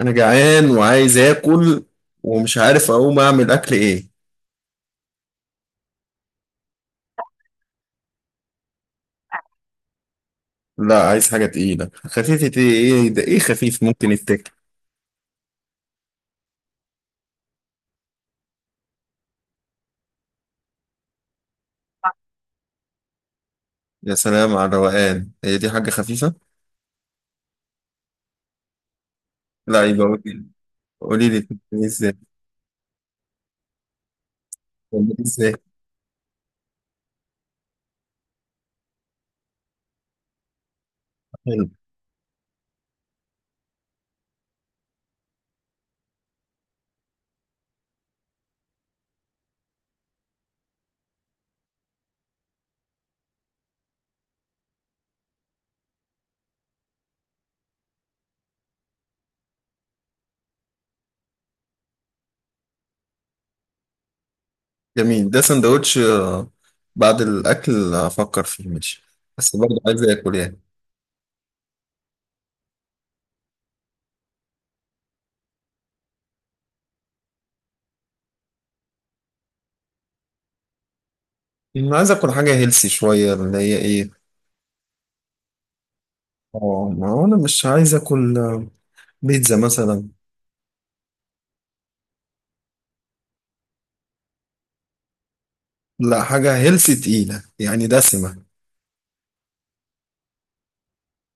انا جعان وعايز اكل ومش عارف اقوم اعمل اكل ايه. لا، عايز حاجه تقيله خفيفه، ايه ده؟ ايه خفيف ممكن يتاكل؟ يا سلام على الروقان، هي دي حاجه خفيفه؟ لا، يبقى قولي لي، قولي لي بتعملي ازاي؟ بتعملي ازاي؟ حلو. جميل، ده سندوتش، بعد الاكل افكر فيه ماشي، بس برضه عايز اكل يعني. انا عايز اكل حاجه هيلسي شويه اللي هي ايه؟ اه، ما هو انا مش عايز اكل، بيتزا مثلا. لا، حاجه هيلسي تقيله يعني دسمه.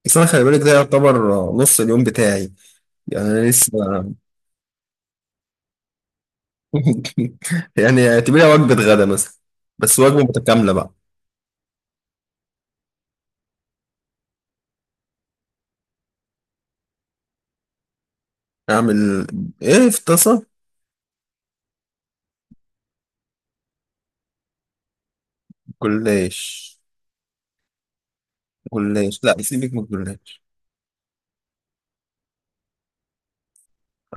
بس انا خلي بالك، ده يعتبر نص اليوم بتاعي، يعني انا لسه. يعني اعتبريها وجبه غدا مثلا، بس وجبه متكامله بقى. اعمل ايه في طاسه؟ جلاش جلاش؟ لا، سيبك من الجلاش.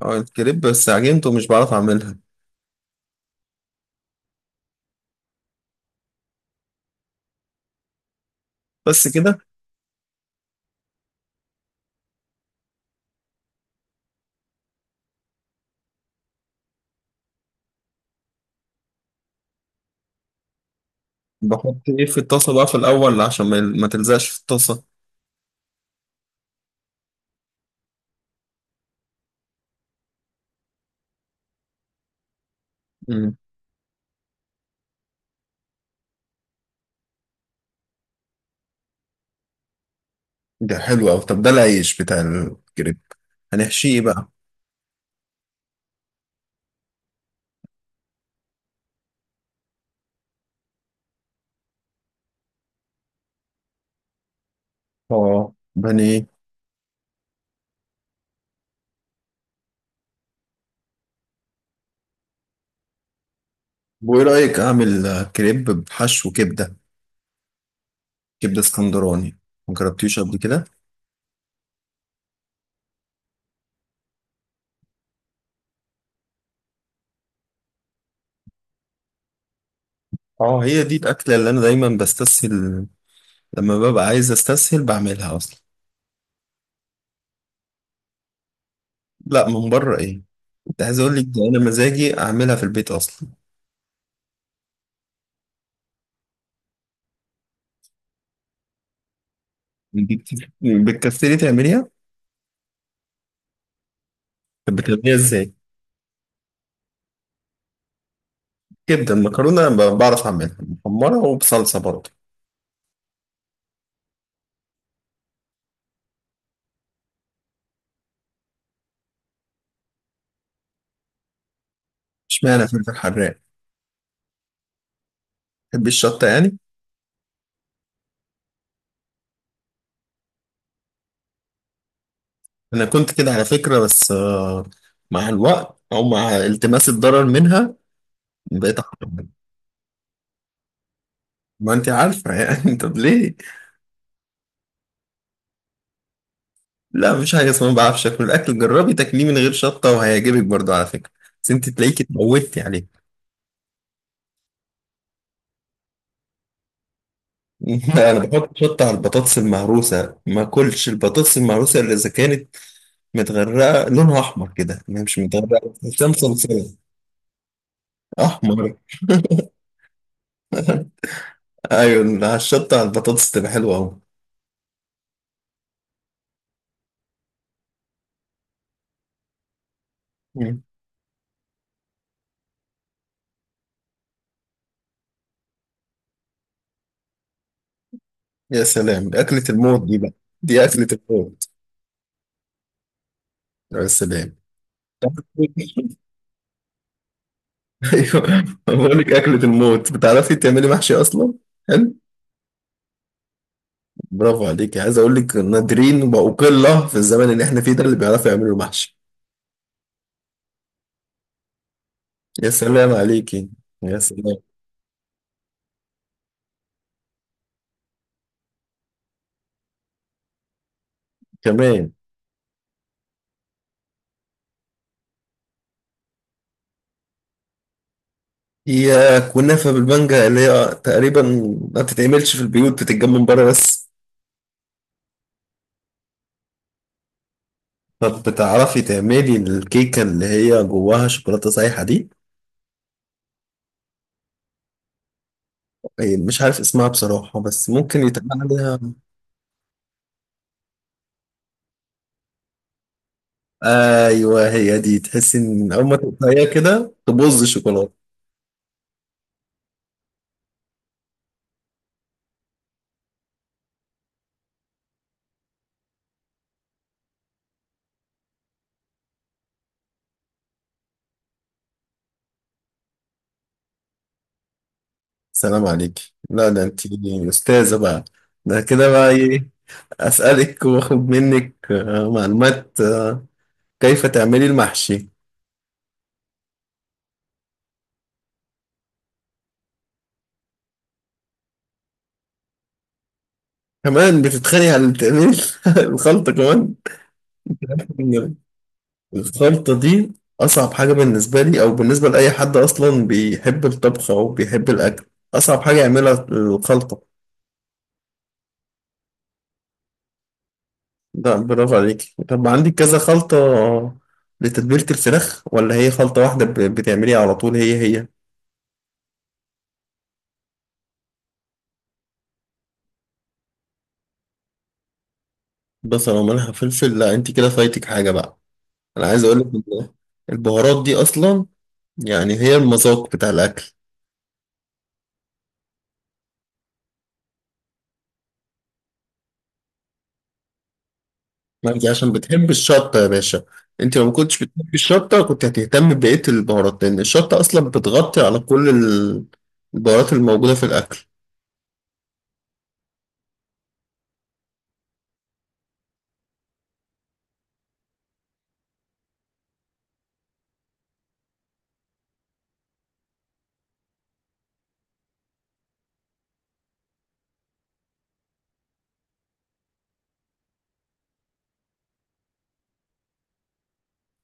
اه الكريب، بس عجنته مش بعرف اعملها. بس كده؟ بحط ايه في الطاسه بقى في الاول عشان ما تلزقش في الطاسه؟ مم. ده حلو أوي، طب ده العيش بتاع الكريب هنحشيه بقى؟ اه، بني. وايه رايك اعمل كريب بحشو كبده؟ كبدة اسكندراني، مجربتيش قبل كده؟ اه، هي دي الأكلة اللي أنا دايما بستسهل، لما ببقى عايز أستسهل بعملها أصلا. لا، من بره إيه؟ أنت عايز أقول لك، ده أنا مزاجي أعملها في البيت أصلا. دي بتكسري تعمليها؟ طب بتعمليها إزاي؟ كبدة المكرونة بعرف أعملها محمرة وبصلصة برضه. اشمعنى فلفل حراق؟ بحب الشطة يعني؟ أنا كنت كده على فكرة، بس، مع الوقت أو مع التماس الضرر منها بقيت أحرم. ما أنت عارفة يعني. طب ليه؟ لا، مفيش حاجة اسمها ما بعرفش اكل الاكل، جربي تاكليه من غير شطة وهيعجبك برضو على فكرة، بس انت تلاقيكي اتموتي عليه. انا بحط شطة على البطاطس المهروسة، ما اكلش البطاطس المهروسة الا اذا كانت متغرقة لونها احمر كده، ما هي مش متغرقة، تحسها مصلصلة. احمر. ايوه، على الشطة على البطاطس تبقى حلوة اهو. مم. يا سلام، دي اكلة الموت دي بقى، دي اكلة الموت. يا سلام. ايوه، بقول لك اكلة الموت. بتعرفي تعملي محشي اصلا؟ حلو. برافو عليك، عايز اقول لك نادرين بقوا، قله في الزمن اللي احنا فيه ده اللي بيعرفوا يعملوا محشي. يا سلام عليكي، يا سلام. كمان. هي كنافه بالمانجا اللي هي تقريبا ما بتتعملش في البيوت، بتتجمع من بره بس. طب بتعرفي تعملي الكيكه اللي هي جواها شوكولاته سايحه دي؟ إيه، مش عارف اسمها بصراحه، بس ممكن يتقال عليها. ايوه، هي دي، تحسي ان اول ما تقطعيها كده تبوظ الشوكولاته. سلام عليك، لا ده انت استاذه بقى. ده كده بقى ايه؟ اسالك واخد منك، معلومات، كيف تعملي المحشي. كمان بتتخانقي على تعملي الخلطه كمان؟ الخلطه دي اصعب حاجه بالنسبه لي، او بالنسبه لاي حد اصلا بيحب الطبخ او بيحب الاكل، اصعب حاجه يعملها الخلطه. لا، برافو عليك. طب عندك كذا خلطه لتتبيله الفراخ، ولا هي خلطه واحده بتعمليها على طول هي هي؟ بس لو مالها فلفل، لا انت كده فايتك حاجة بقى. انا عايز اقولك ان البهارات دي اصلا، يعني هي المذاق بتاع الاكل. ما انت عشان بتحب الشطة يا باشا، انت لو ما كنتش بتحب الشطة كنت هتهتم ببقية البهارات، لان الشطة اصلا بتغطي على كل البهارات الموجودة في الاكل.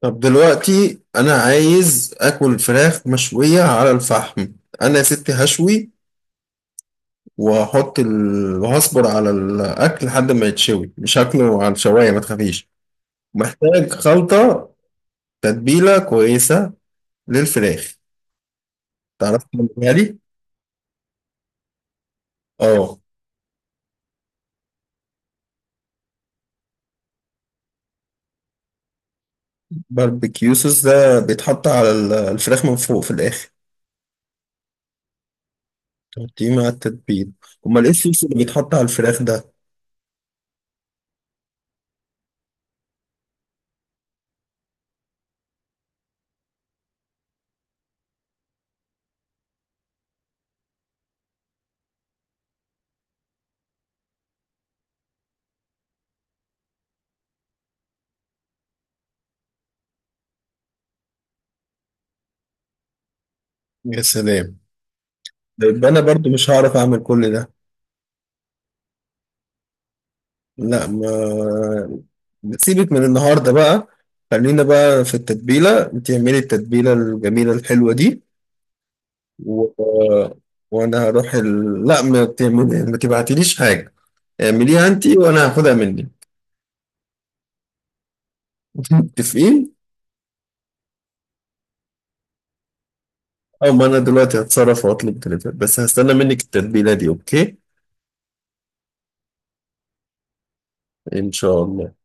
طب دلوقتي انا عايز اكل فراخ مشوية على الفحم. انا يا ستي هشوي وهحط وهصبر على الاكل لحد ما يتشوي، مش هاكله على الشواية ما تخافيش. محتاج خلطة تتبيلة كويسة للفراخ، تعرف تعملها لي؟ اه. باربيكيو صوص ده بيتحط على الفراخ من فوق في الآخر؟ تحطيه مع التتبيل؟ أمال إيه الصوص اللي بيتحط على الفراخ ده؟ يا سلام. ده يبقى أنا برضو مش هعرف أعمل كل ده. لا، ما سيبك من النهاردة بقى، خلينا بقى في التتبيلة، تعملي التتبيلة الجميلة الحلوة دي و... وأنا هروح لا ما تعملي، ما تبعتليش حاجة، اعمليها انت وانا هاخدها منك. متفقين. او ما انا دلوقتي هتصرف واطلب دليفري، بس هستنى منك التتبيله دي اوكي. ان شاء الله.